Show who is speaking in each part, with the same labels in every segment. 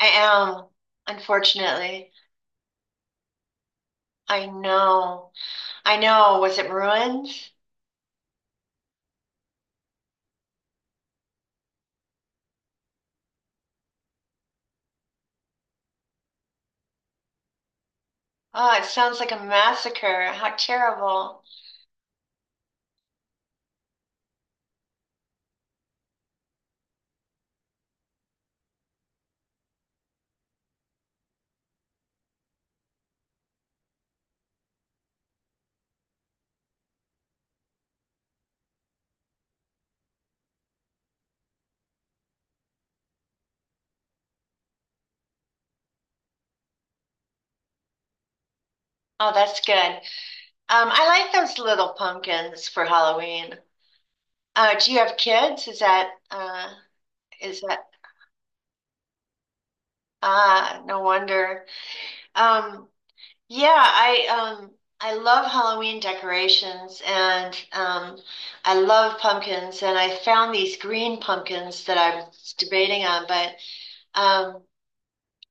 Speaker 1: I am, unfortunately. I know. I know. Was it ruins? Oh, it sounds like a massacre. How terrible. Oh, that's good. I like those little pumpkins for Halloween. Do you have kids? Is that Ah, no wonder. Um, yeah, I love Halloween decorations and I love pumpkins, and I found these green pumpkins that I was debating on, but um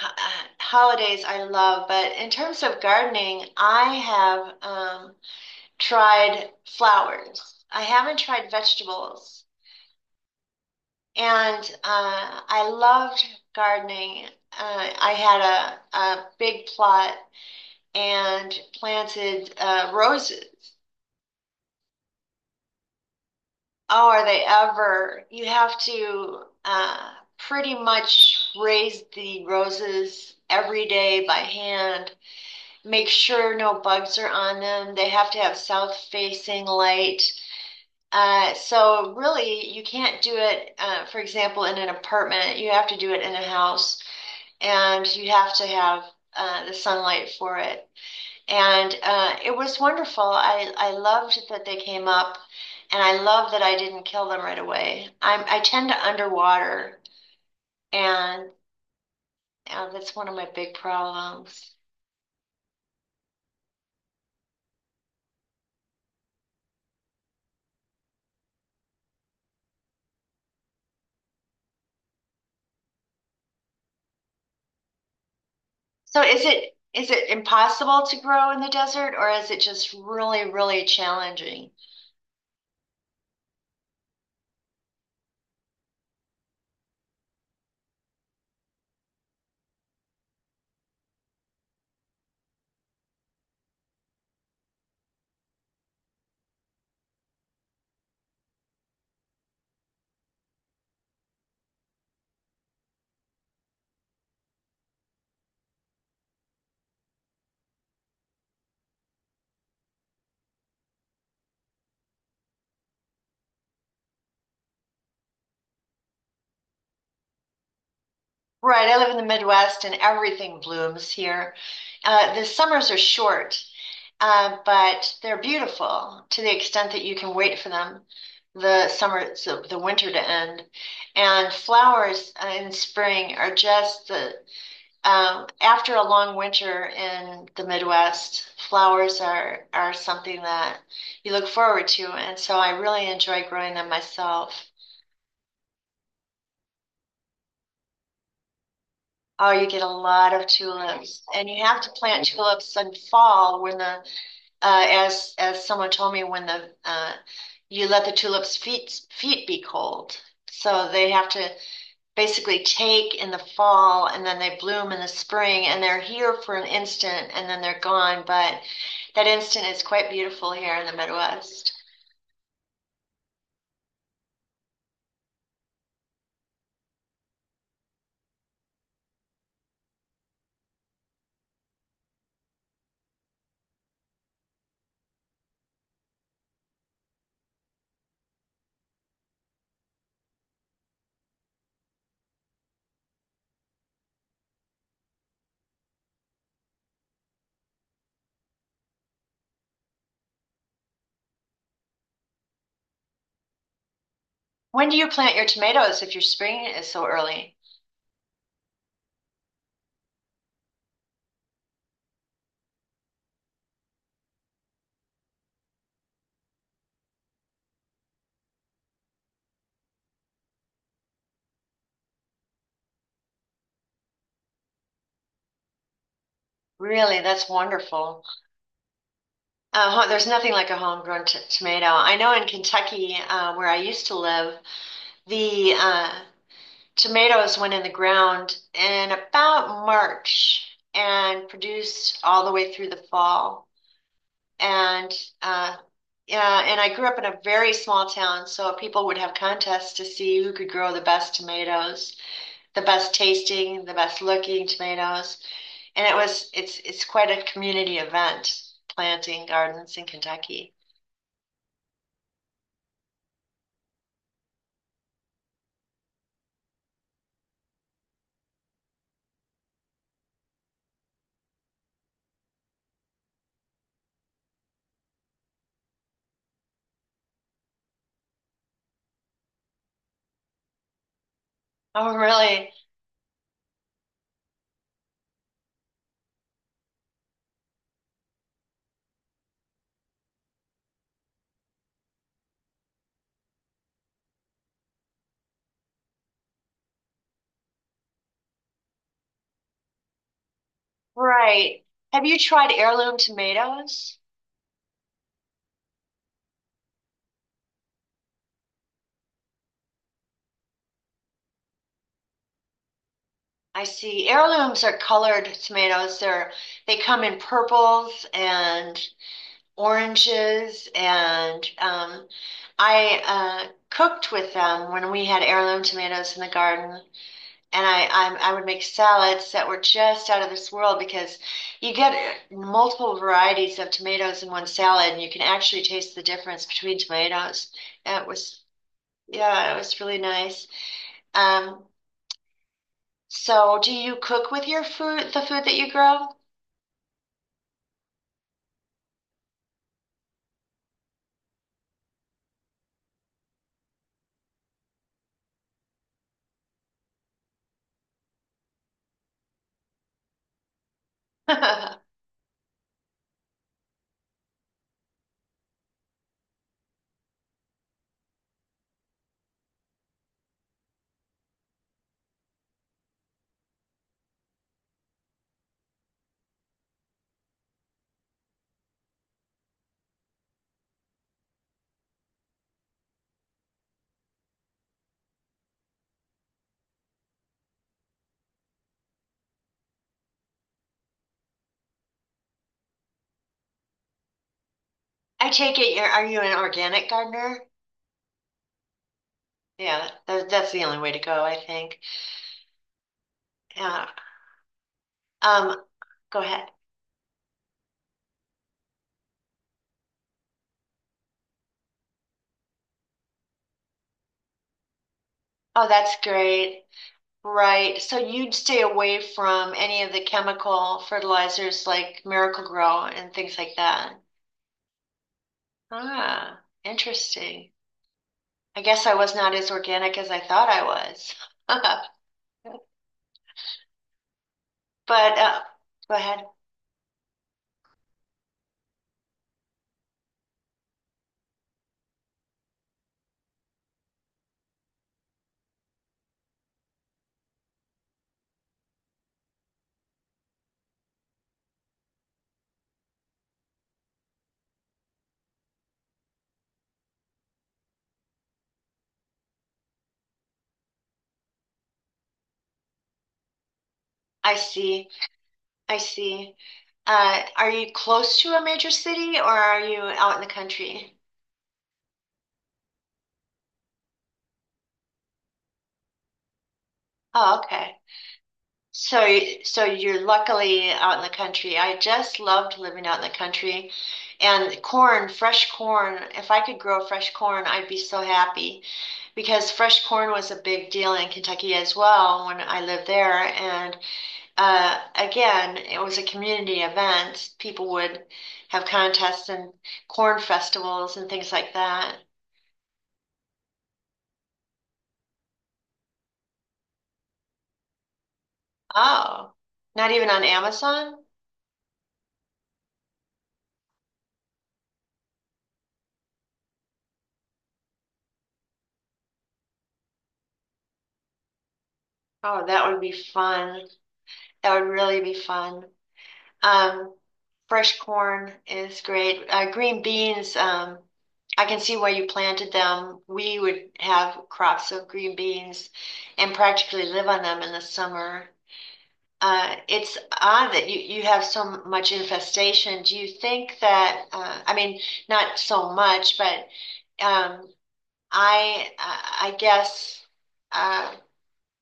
Speaker 1: holidays I love. But in terms of gardening, I have tried flowers. I haven't tried vegetables, and I loved gardening. I had a big plot and planted roses. Oh, are they ever? You have to pretty much raise the roses every day by hand, make sure no bugs are on them. They have to have south facing light. So really, you can't do it, for example, in an apartment. You have to do it in a house, and you have to have the sunlight for it. And it was wonderful. I loved that they came up, and I love that I didn't kill them right away. I tend to underwater, and that's one of my big problems. So is it impossible to grow in the desert, or is it just really, really challenging? Right, I live in the Midwest and everything blooms here. The summers are short, but they're beautiful, to the extent that you can wait for them, the summer, so the winter to end. And flowers in spring are just the after a long winter in the Midwest, flowers are something that you look forward to, and so I really enjoy growing them myself. Oh, you get a lot of tulips, and you have to plant tulips in fall when the as someone told me when the you let the tulips' feet be cold, so they have to basically take in the fall, and then they bloom in the spring and they're here for an instant and then they're gone. But that instant is quite beautiful here in the Midwest. When do you plant your tomatoes if your spring is so early? Really, that's wonderful. There's nothing like a homegrown tomato. I know in Kentucky, where I used to live, the tomatoes went in the ground in about March and produced all the way through the fall. And uh, yeah, and I grew up in a very small town, so people would have contests to see who could grow the best tomatoes, the best tasting, the best looking tomatoes. And it was it's quite a community event, planting gardens in Kentucky. Oh, really? Right. Have you tried heirloom tomatoes? I see. Heirlooms are colored tomatoes. They come in purples and oranges, and I cooked with them when we had heirloom tomatoes in the garden. And I would make salads that were just out of this world, because you get multiple varieties of tomatoes in one salad, and you can actually taste the difference between tomatoes. And it was yeah, it was really nice. Um, so do you cook with your food, the food that you grow? I take it you're, are you an organic gardener? Yeah, that, that's the only way to go, I think. Yeah. Um, go ahead. Oh, that's great. Right. So you'd stay away from any of the chemical fertilizers like Miracle-Gro and things like that. Ah, interesting. I guess I was not as organic as I thought I was. But go ahead. I see. I see. Are you close to a major city, or are you out in the country? Oh, okay. So, so you're luckily out in the country. I just loved living out in the country. And corn, fresh corn, if I could grow fresh corn, I'd be so happy, because fresh corn was a big deal in Kentucky as well when I lived there. And again, it was a community event. People would have contests and corn festivals and things like that. Oh, not even on Amazon? Oh, that would be fun. That would really be fun. Um, fresh corn is great. Green beans, I can see why you planted them. We would have crops of green beans and practically live on them in the summer. It's odd that you have so much infestation. Do you think that, I mean, not so much, but um, I guess. uh,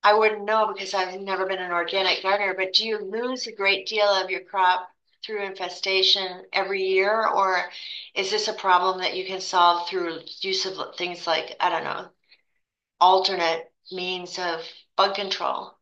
Speaker 1: I wouldn't know, because I've never been an organic gardener, but do you lose a great deal of your crop through infestation every year, or is this a problem that you can solve through use of things like, I don't know, alternate means of bug control?